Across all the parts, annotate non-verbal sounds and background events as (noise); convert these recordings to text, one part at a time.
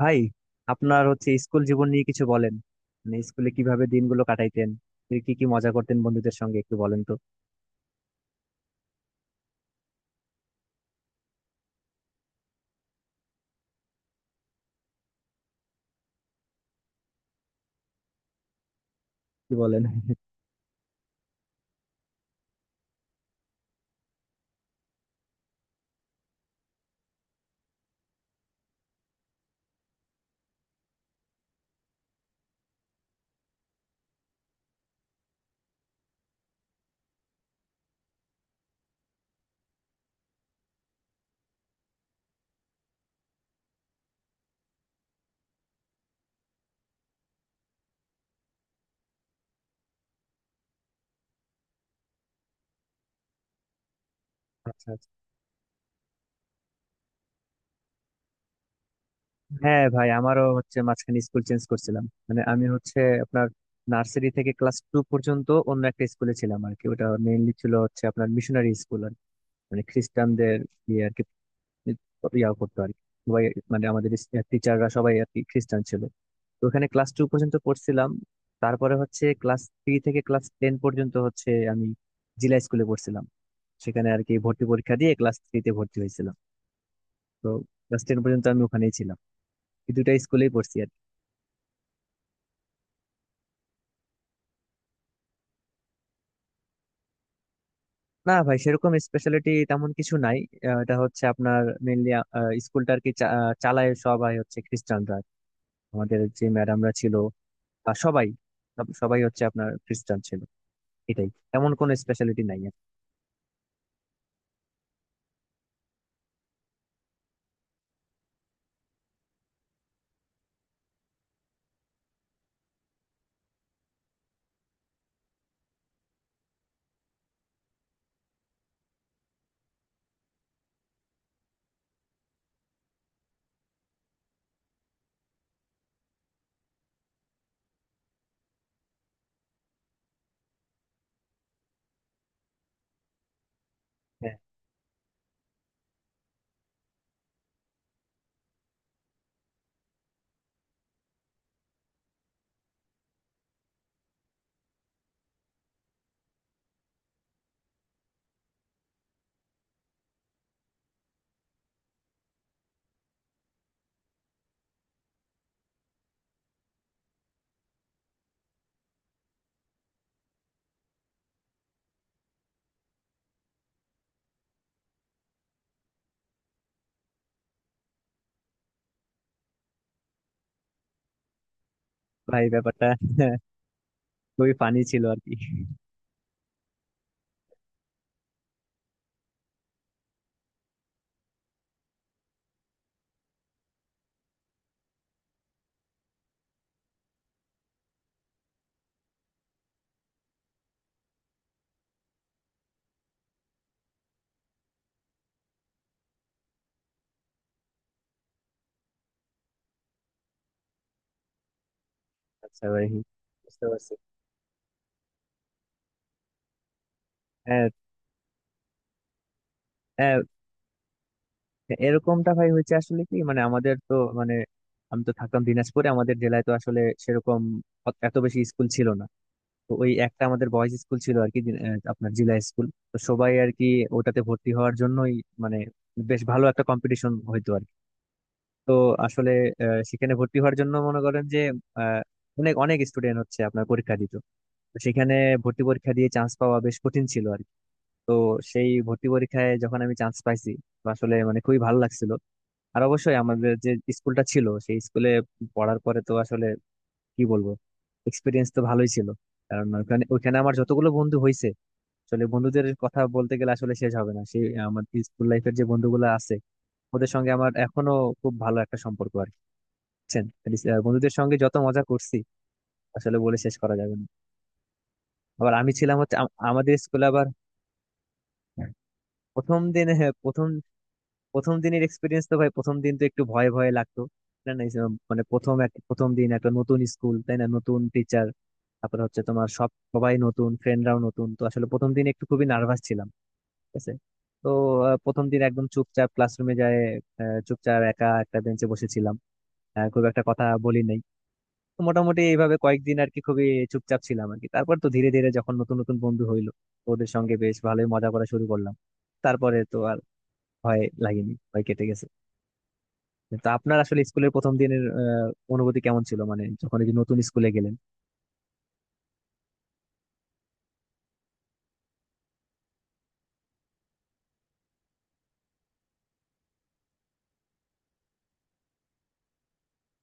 ভাই, আপনার হচ্ছে স্কুল জীবন নিয়ে কিছু বলেন। মানে স্কুলে কিভাবে দিনগুলো কাটাইতেন, কি কি মজা করতেন বন্ধুদের সঙ্গে একটু বলেন তো। কি বলেন? আচ্ছা, আচ্ছা। হ্যাঁ ভাই, আমারও হচ্ছে মাঝখানে স্কুল চেঞ্জ করছিলাম। মানে আমি হচ্ছে আপনার নার্সারি থেকে ক্লাস টু পর্যন্ত অন্য একটা স্কুলে ছিলাম আর কি। ওটা মেইনলি ছিল হচ্ছে আপনার মিশনারি স্কুল আর কি। মানে খ্রিস্টানদের আর কি, করতো আর কি। সবাই, মানে আমাদের টিচাররা সবাই আর কি খ্রিস্টান ছিল। তো ওখানে ক্লাস টু পর্যন্ত পড়ছিলাম। তারপরে হচ্ছে ক্লাস থ্রি থেকে ক্লাস টেন পর্যন্ত হচ্ছে আমি জিলা স্কুলে পড়ছিলাম। সেখানে আর কি ভর্তি পরীক্ষা দিয়ে ক্লাস থ্রিতে ভর্তি হয়েছিলাম। তো ক্লাস টেন পর্যন্ত আমি ওখানেই ছিলাম। এই দুটা স্কুলেই পড়ছি আর কি। না ভাই, সেরকম স্পেশালিটি তেমন কিছু নাই। এটা হচ্ছে আপনার মেনলি স্কুলটা আর কি চালায় সবাই হচ্ছে খ্রিস্টানরা। আমাদের যে ম্যাডামরা ছিল বা সবাই, সবাই হচ্ছে আপনার খ্রিস্টান ছিল। এটাই। এমন কোন স্পেশালিটি নাই আর কি। হ্যাঁ ভাই, ব্যাপারটা (laughs) খুবই ফানি ছিল আর কি। আচ্ছা ভাই, বুঝতে পারছি। হ্যাঁ, হ্যাঁ, এরকমটা ভাই হয়েছে। আসলে কি, মানে আমাদের তো, মানে আমি তো থাকতাম দিনাজপুরে। আমাদের জেলায় তো আসলে সেরকম এত বেশি স্কুল ছিল না। তো ওই একটা আমাদের বয়েজ স্কুল ছিল আর কি, আপনার জিলা স্কুল। তো সবাই আর কি ওটাতে ভর্তি হওয়ার জন্যই মানে বেশ ভালো একটা কম্পিটিশন হইতো আর কি। তো আসলে সেখানে ভর্তি হওয়ার জন্য মনে করেন যে আহ, অনেক অনেক স্টুডেন্ট হচ্ছে আপনার পরীক্ষা দিত। তো সেখানে ভর্তি পরীক্ষা দিয়ে চান্স পাওয়া বেশ কঠিন ছিল আর কি। তো সেই ভর্তি পরীক্ষায় যখন আমি চান্স পাইছি, তো আসলে মানে খুবই ভালো লাগছিল। আর অবশ্যই আমাদের যে স্কুলটা ছিল, সেই স্কুলে পড়ার পরে তো আসলে কি বলবো, এক্সপিরিয়েন্স তো ভালোই ছিল। কারণ ওখানে ওখানে আমার যতগুলো বন্ধু হয়েছে, আসলে বন্ধুদের কথা বলতে গেলে আসলে শেষ হবে না। সেই আমার স্কুল লাইফের যে বন্ধুগুলো আছে, ওদের সঙ্গে আমার এখনো খুব ভালো একটা সম্পর্ক আর কি। বুঝছেন? মানে বন্ধুদের সঙ্গে যত মজা করছি, আসলে বলে শেষ করা যাবে না। আবার আমি ছিলাম হচ্ছে আমাদের স্কুলে আবার প্রথম দিন। হ্যাঁ, প্রথম প্রথম দিনের এক্সপিরিয়েন্স তো ভাই, প্রথম দিন তো একটু ভয়ে ভয়ে লাগতো। না না, এসব মানে প্রথম দিন একটা নতুন স্কুল, তাই না, নতুন টিচার, তারপরে হচ্ছে তোমার সবাই নতুন, ফ্রেন্ডরাও নতুন, তো আসলে প্রথম দিন একটু খুবই নার্ভাস ছিলাম। ঠিক আছে। তো প্রথম দিন একদম চুপচাপ ক্লাসরুমে যায়, চুপচাপ একা একটা বেঞ্চে বসেছিলাম, খুব একটা কথা বলি নাই। তো মোটামুটি এইভাবে কয়েকদিন আর কি খুবই চুপচাপ ছিলাম আর কি। তারপর তো ধীরে ধীরে যখন নতুন নতুন বন্ধু হইলো, ওদের সঙ্গে বেশ ভালোই মজা করা শুরু করলাম। তারপরে তো আর ভয় লাগেনি, ভয় কেটে গেছে। তো আপনার আসলে স্কুলের প্রথম দিনের অনুভূতি কেমন ছিল মানে যখন এই যে নতুন স্কুলে গেলেন?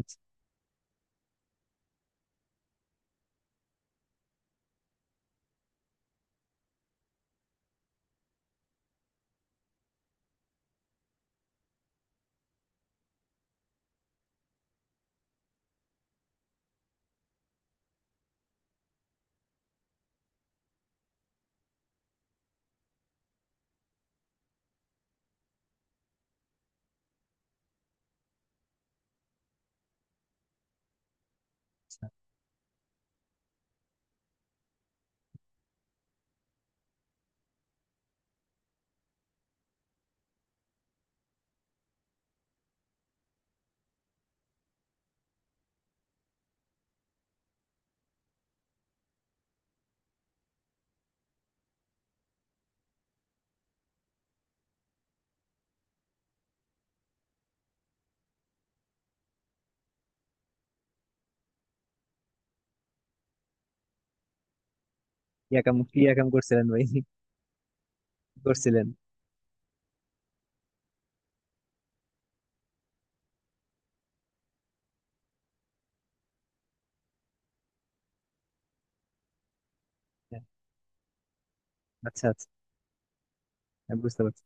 আচ্ছা, আচ্ছা। কি একাম, কি একাম করছিলেন ভাই, কি করছিলেন? হ্যাঁ, আচ্ছা, আচ্ছা। হ্যাঁ, বুঝতে পারছি।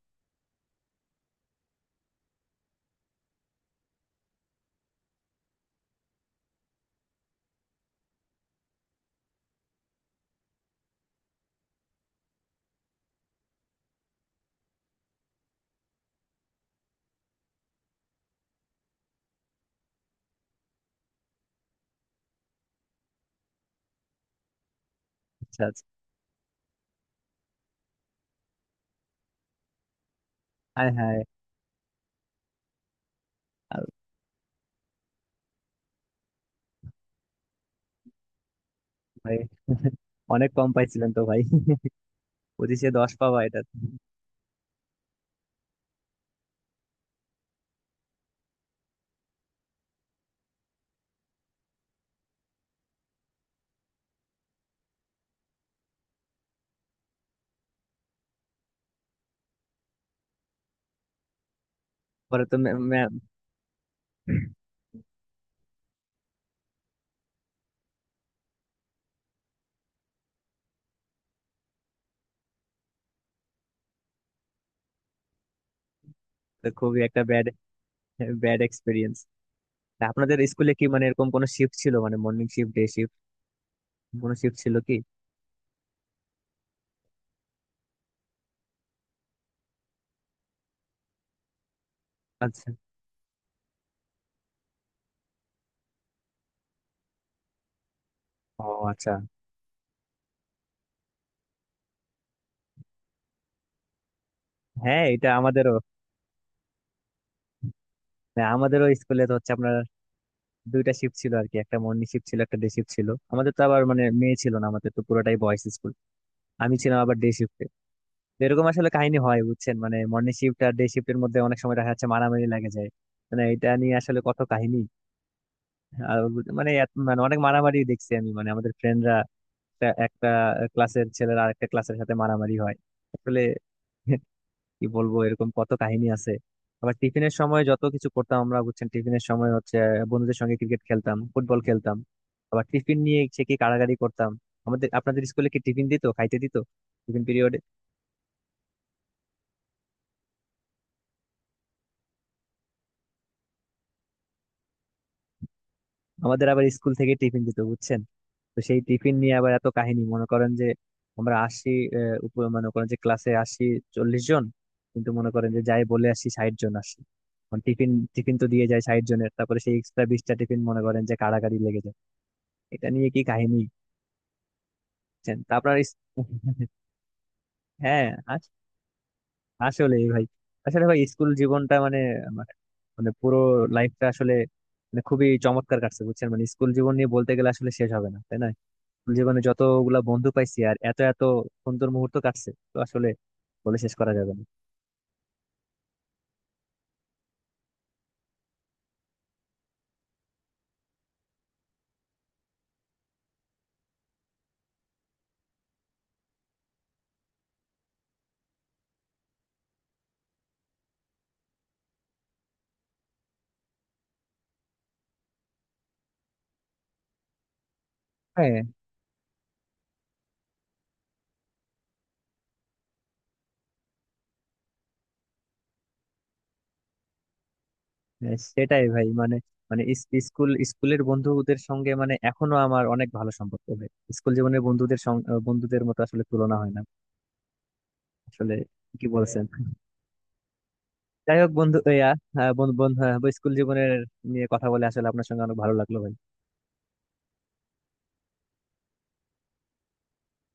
আচ্ছা, আচ্ছা। হ্যাঁ, হ্যাঁ। আর ভাই, অনেক কম পাইছিলেন তো ভাই, 25-এ 10 পাওয়া, এটা। পরে তো ম্যাম তো, খুবই একটা ব্যাড, ব্যাড এক্সপিরিয়েন্স। আপনাদের স্কুলে কি মানে এরকম কোনো শিফট ছিল, মানে মর্নিং শিফট, ডে শিফট, কোনো শিফট ছিল কি? আচ্ছা। ও, আচ্ছা। হ্যাঁ, এটা আমাদেরও। হ্যাঁ, আমাদেরও স্কুলে তো হচ্ছে আপনার দুইটা শিফট ছিল আর কি, একটা মর্নিং শিফট ছিল, একটা ডে শিফট ছিল। আমাদের তো আবার মানে মেয়ে ছিল না, আমাদের তো পুরোটাই বয়েজ স্কুল। আমি ছিলাম আবার ডে শিফটে। এরকম আসলে কাহিনী হয় বুঝছেন, মানে মর্নিং শিফট আর ডে শিফটের মধ্যে অনেক সময় দেখা যাচ্ছে মারামারি লাগে যায়। মানে এটা নিয়ে আসলে কত কাহিনী। আর মানে মানে অনেক মারামারি দেখছি আমি, মানে আমাদের ফ্রেন্ডরা একটা ক্লাসের ছেলেরা আরেকটা ক্লাসের সাথে মারামারি হয়। আসলে কি বলবো, এরকম কত কাহিনী আছে। আবার টিফিনের সময় যত কিছু করতাম আমরা বুঝছেন, টিফিনের সময় হচ্ছে বন্ধুদের সঙ্গে ক্রিকেট খেলতাম, ফুটবল খেলতাম, আবার টিফিন নিয়ে সে কি কাড়াকাড়ি করতাম। আমাদের, আপনাদের স্কুলে কি টিফিন দিত, খাইতে দিত টিফিন পিরিয়ডে? আমাদের আবার স্কুল থেকে টিফিন দিত বুঝছেন। তো সেই টিফিন নিয়ে আবার এত কাহিনী, মনে করেন যে আমরা আসি, মনে করেন যে ক্লাসে আসি 40 জন, কিন্তু মনে করেন যে যাই বলে আসি 60 জন আসি। টিফিন টিফিন তো দিয়ে যায় 60 জনের, তারপরে সেই এক্সট্রা 20টা টিফিন মনে করেন যে কাড়াকাড়ি লেগে যায়। এটা নিয়ে কি কাহিনী লিখছেন, তা আপনার হ্যাঁ। আস- আসলে ভাই, আসলে ভাই স্কুল জীবনটা মানে আমার মানে পুরো লাইফটা আসলে মানে খুবই চমৎকার কাটছে বুঝছেন, মানে স্কুল জীবন নিয়ে বলতে গেলে আসলে শেষ হবে না, তাই না? স্কুল জীবনে যতগুলা বন্ধু পাইছি আর এত এত সুন্দর মুহূর্ত কাটছে, তো আসলে বলে শেষ করা যাবে না। হ্যাঁ, হ্যাঁ, সেটাই ভাই। মানে, মানে স্কুল, স্কুলের বন্ধুদের সঙ্গে মানে এখনো আমার অনেক ভালো সম্পর্ক ভাই। স্কুল জীবনের বন্ধুদের সঙ্গে বন্ধুদের মতো আসলে তুলনা হয় না, আসলে কি বলছেন। যাই হোক, বন্ধু, হ্যাঁ, বন্ধু বন্ধু হ্যাঁ, স্কুল জীবনের নিয়ে কথা বলে আসলে আপনার সঙ্গে অনেক ভালো লাগলো ভাই।